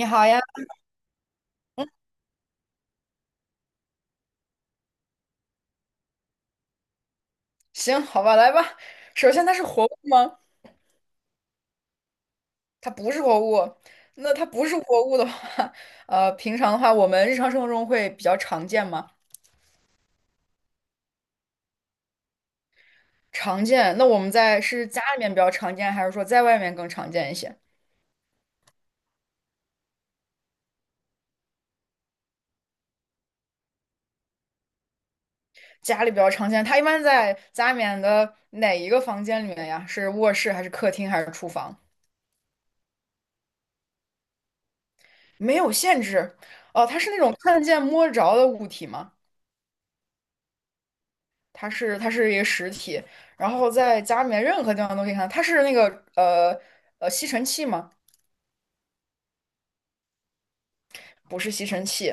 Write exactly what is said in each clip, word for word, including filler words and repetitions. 你好呀，行，好吧，来吧。首先，它是活物吗？它不是活物。那它不是活物的话，呃，平常的话，我们日常生活中会比较常见吗？常见。那我们在是家里面比较常见，还是说在外面更常见一些？家里比较常见，它一般在家里面的哪一个房间里面呀？是卧室还是客厅还是厨房？没有限制。哦，它是那种看得见摸得着的物体吗？它是它是一个实体，然后在家里面任何地方都可以看到。它是那个呃呃吸尘器吗？不是吸尘器。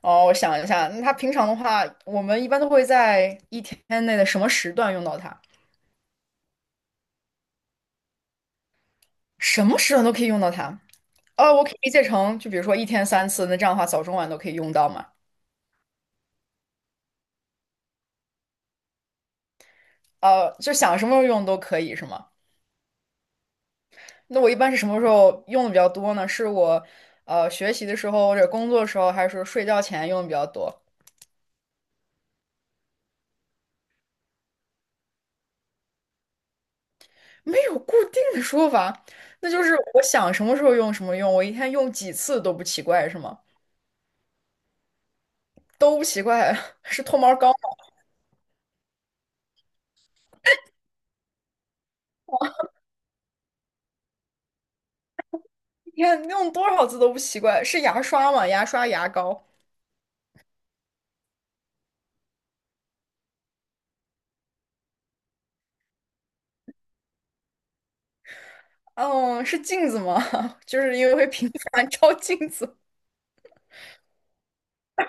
哦，我想一下，那它平常的话，我们一般都会在一天内的什么时段用到它？什么时段都可以用到它？哦，我可以理解成，就比如说一天三次，那这样的话早中晚都可以用到嘛？呃，就想什么时候用都可以是吗？那我一般是什么时候用的比较多呢？是我呃学习的时候，或者工作的时候，还是说睡觉前用的比较多？没有固定的说法，那就是我想什么时候用什么用，我一天用几次都不奇怪，是吗？都不奇怪，是脱毛膏吗？一天用多少次都不奇怪，是牙刷吗？牙刷、牙膏，嗯，是镜子吗？就是因为会频繁照镜子，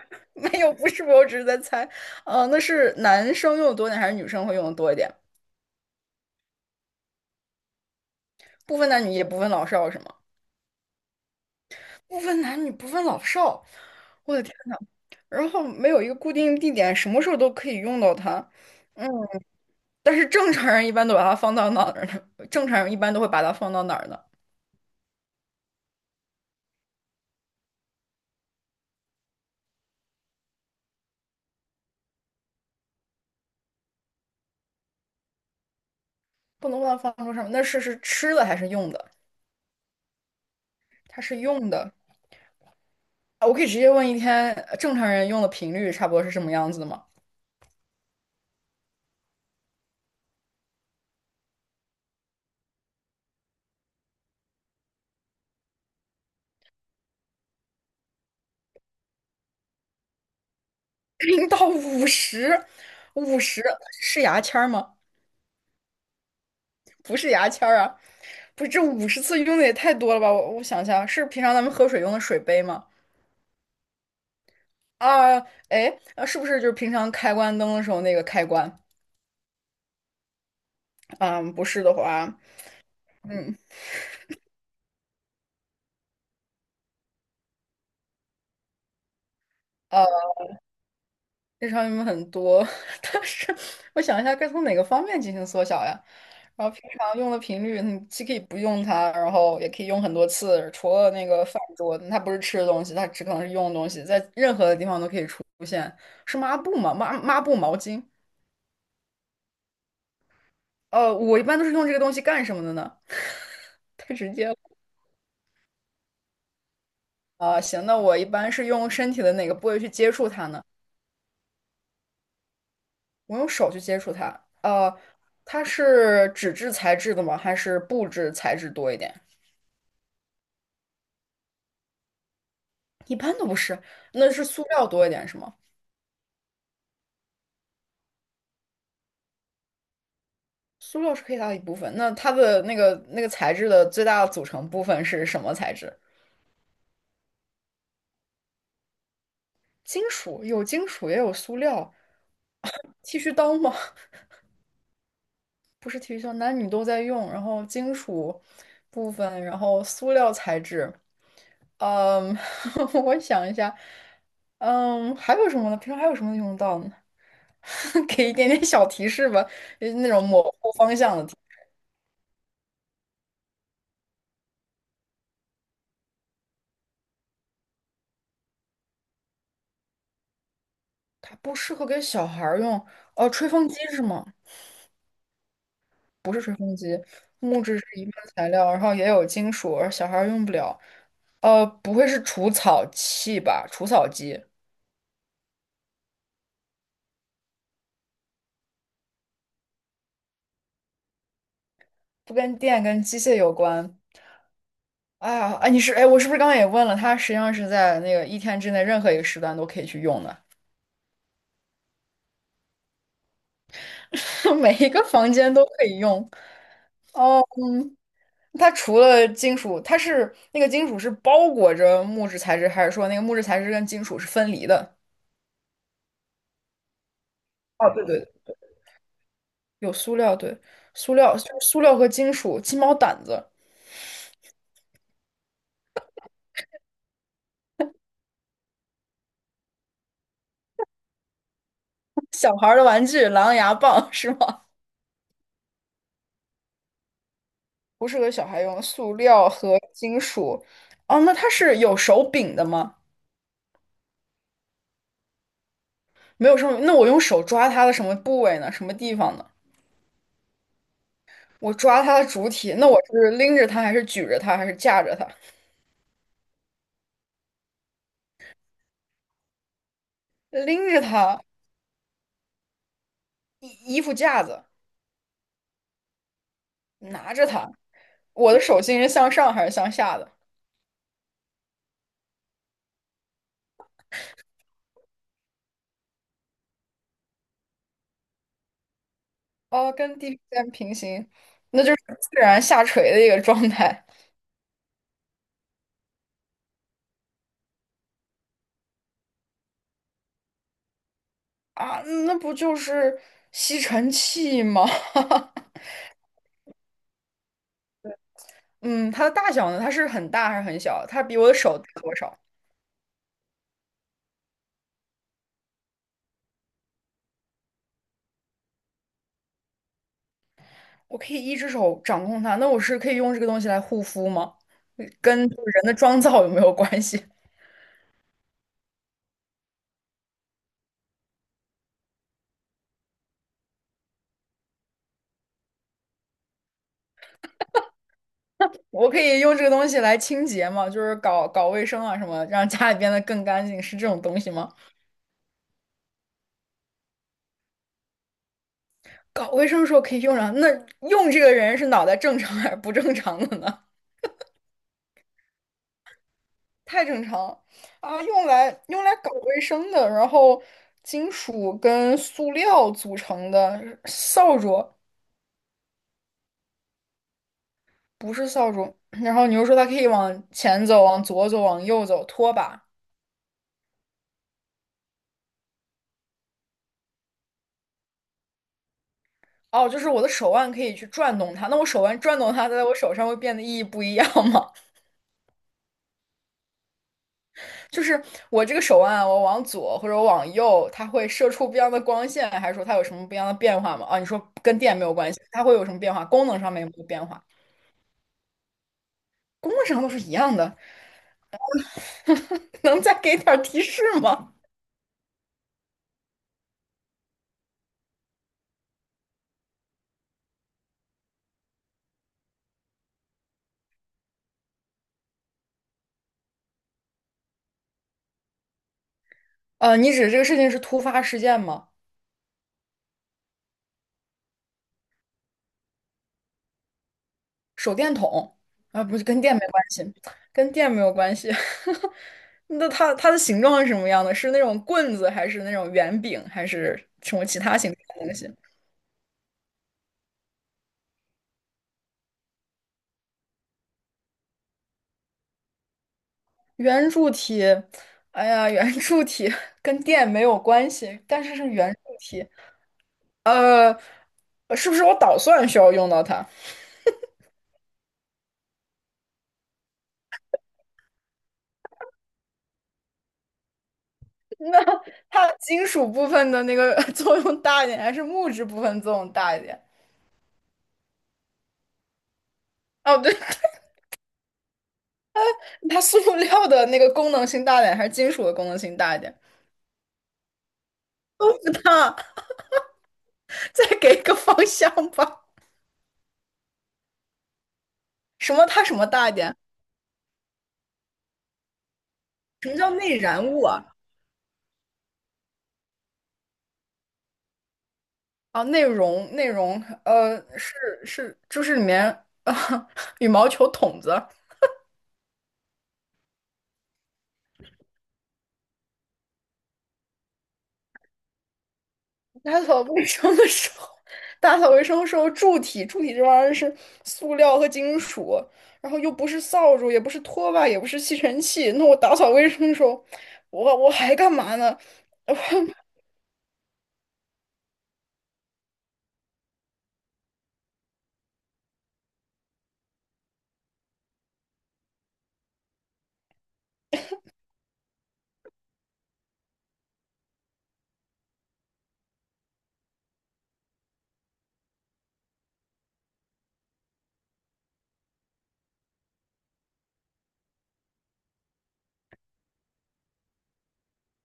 没有，不是，我只是在猜，嗯，那是男生用的多一点，还是女生会用的多一点？不分男女，也不分老少，是吗？不分男女，不分老少，我的天呐，然后没有一个固定地点，什么时候都可以用到它。嗯。但是正常人一般都把它放到哪儿呢？正常人一般都会把它放到哪儿呢？不能把它放桌上，那是是吃的还是用的？它是用的。啊我可以直接问一天呃正常人用的频率差不多是什么样子的吗？零到五十，五十是牙签儿吗？不是牙签儿啊，不是这五十次用的也太多了吧？我我想一下，是平常咱们喝水用的水杯吗？啊，哎，啊是不是就是平常开关灯的时候那个开关？嗯，不是的话，嗯。呃日常用没有很多，但是我想一下该从哪个方面进行缩小呀？然后平常用的频率，你既可以不用它，然后也可以用很多次。除了那个饭桌，它不是吃的东西，它只可能是用的东西，在任何的地方都可以出现。是抹布吗？抹抹布、毛巾。呃，我一般都是用这个东西干什么的呢？太直接了。啊、行，那我一般是用身体的哪个部位去接触它呢？我用手去接触它。呃，它是纸质材质的吗？还是布质材质多一点？一般都不是，那是塑料多一点是吗？塑料是可以大的一部分，那它的那个那个材质的最大的组成部分是什么材质？金属，有金属也有塑料。剃须刀吗？不是剃须刀，男女都在用。然后金属部分，然后塑料材质。嗯，我想一下，嗯，还有什么呢？平常还有什么用得到呢？给一点点小提示吧，就是那种模糊方向的。它不适合给小孩儿用。哦，吹风机是吗？木质是一般材料，然后也有金属，而小孩儿用不了。呃，不会是除草器吧？除草机不跟电跟机械有关。哎呀，哎，你是哎，我是不是刚刚也问了？它实际上是在那个一天之内任何一个时段都可以去用的，每一个房间都可以用。它除了金属，它是那个金属是包裹着木质材质，还是说那个木质材质跟金属是分离的？哦，对对有塑料，对，塑料就是塑料和金属，鸡毛掸子，小孩儿的玩具，狼牙棒 是吗？不适合小孩用，塑料和金属。哦，那它是有手柄的吗？没有什么，那我用手抓它的什么部位呢？什么地方呢？我抓它的主体，那我是拎着它，还是举着它，还是架着它？拎着它，衣衣服架子，拿着它，我的手心是向上还是向下的？哦，跟地平线平行，那就是自然下垂的一个状态。啊，嗯那不就是吸尘器吗？嗯，它的大小呢？它是很大还是很小？它比我的手大多少？我可以一只手掌控它，那我是可以用这个东西来护肤吗？跟就是人的妆造有没有关系？我可以用这个东西来清洁吗？就是搞搞卫生啊什么，让家里变得更干净，是这种东西吗？搞卫生的时候可以用上，那用这个人是脑袋正常还是不正常的呢？太正常啊！用来用来搞卫生的，然后金属跟塑料组成的扫帚，不是扫帚。然后你又说它可以往前走、往左走、往右走，拖把。哦，就是我的手腕可以去转动它，那我手腕转动它，在我手上会变得意义不一样吗？就是我这个手腕啊我往左或者我往右，它会射出不一样的光线，还是说它有什么不一样的变化吗？啊，你说跟电没有关系，它会有什么变化？功能上面有没有变化？功能上都是一样的。能再给点儿提示吗？呃，你指这个事情是突发事件吗？手电筒啊，不是跟电没关系，跟电没有关系。那它它的形状是什么样的？是那种棍子，还是那种圆饼，还是什么其他形状的东西？圆柱体，哎呀，圆柱体跟电没有关系，但是是圆柱体。呃，是不是我捣蒜需要用到它？那它金属部分的那个 作用大一点，还是木质部分作用大一点？哦，对，它塑料的那个功能性大一点，还是金属的功能性大一点？都不大，再给一个方向吧。什么它什么大一点？什么叫内燃物啊？啊，内容内容，呃，是是，就是里面啊，羽毛球筒子。打扫卫生的时候，打扫卫生的时候，柱体柱体这玩意儿是塑料和金属，然后又不是扫帚，也不是拖把，也不是吸尘器。那我打扫卫生的时候，我我还干嘛呢？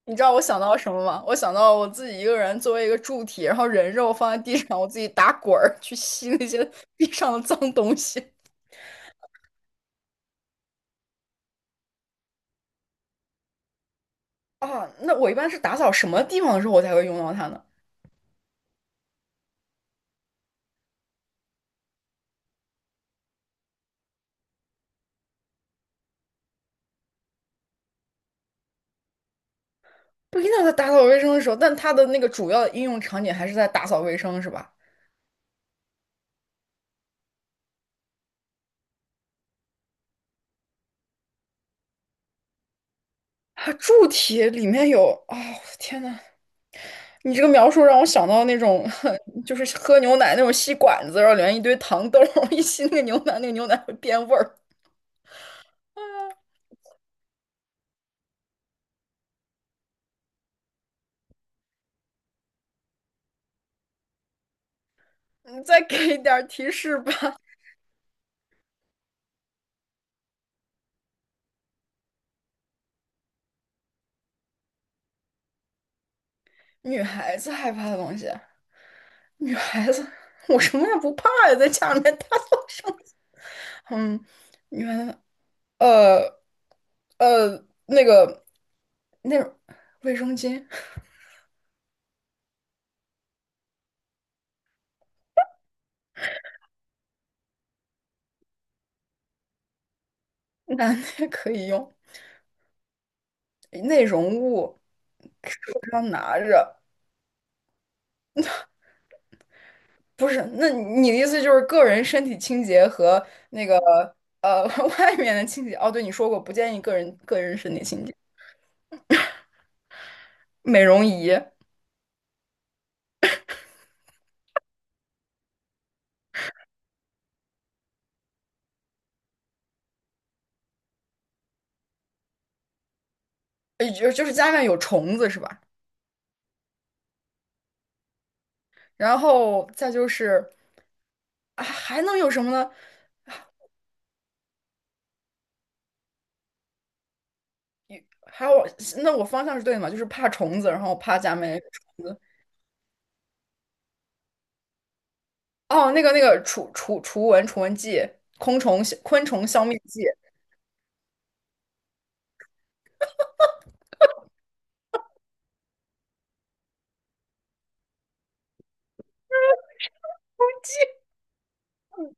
你知道我想到什么吗？我想到我自己一个人作为一个柱体，然后人肉放在地上，我自己打滚儿去吸那些地上的脏东西啊。那我一般是打扫什么地方的时候我才会用到它呢？不一定在打扫卫生的时候，但它的那个主要的应用场景还是在打扫卫生，是吧？啊，柱体里面有啊，天呐，你这个描述让我想到那种，就是喝牛奶那种吸管子，然后里面一堆糖豆儿，一吸那个牛奶，那个牛奶会变味儿。你再给一点儿提示吧，女孩子害怕的东西，女孩子，我什么也不怕呀，在家里面大叫声，嗯，女孩子，呃呃，那个那卫生巾，男的也可以用，内容物手上拿着。不是，那你的意思就是个人身体清洁和那个呃 外面的清洁？哦，对，你说过不建议个人个人身体清洁，美容仪，呃，就就是家里面有虫子是吧？然后再就是啊，还能有什么呢？还有，那我方向是对的嘛？就是怕虫子，然后怕家里面有虫子。哦，那个那个除除除蚊除蚊剂，昆虫昆虫消灭剂。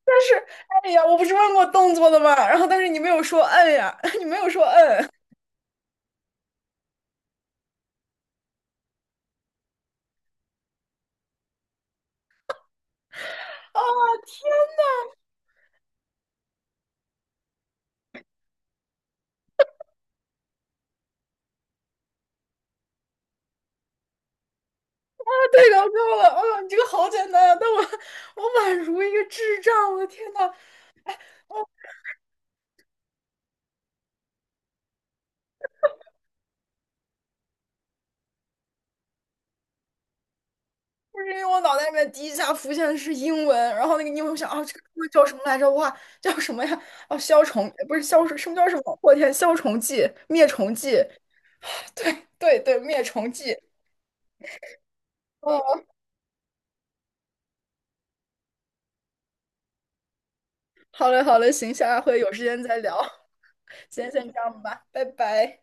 但是，哎呀，我不是问过动作的吗？然后，但是你没有说摁呀，你没有说摁。嗯啊，天呐，太搞笑了！哎呦，你这个好简单啊，但我我宛如一个智障，我的天呐，就是因为我脑袋里面第一下浮现的是英文，然后那个英文我想啊，这个英文叫什么来着？哇，叫什么呀？哦、消虫不是消什么叫什么？我天，消虫剂、灭虫剂，对对对，灭虫剂。哦，好嘞好嘞，行，下回有时间再聊，今天先这样吧，拜拜。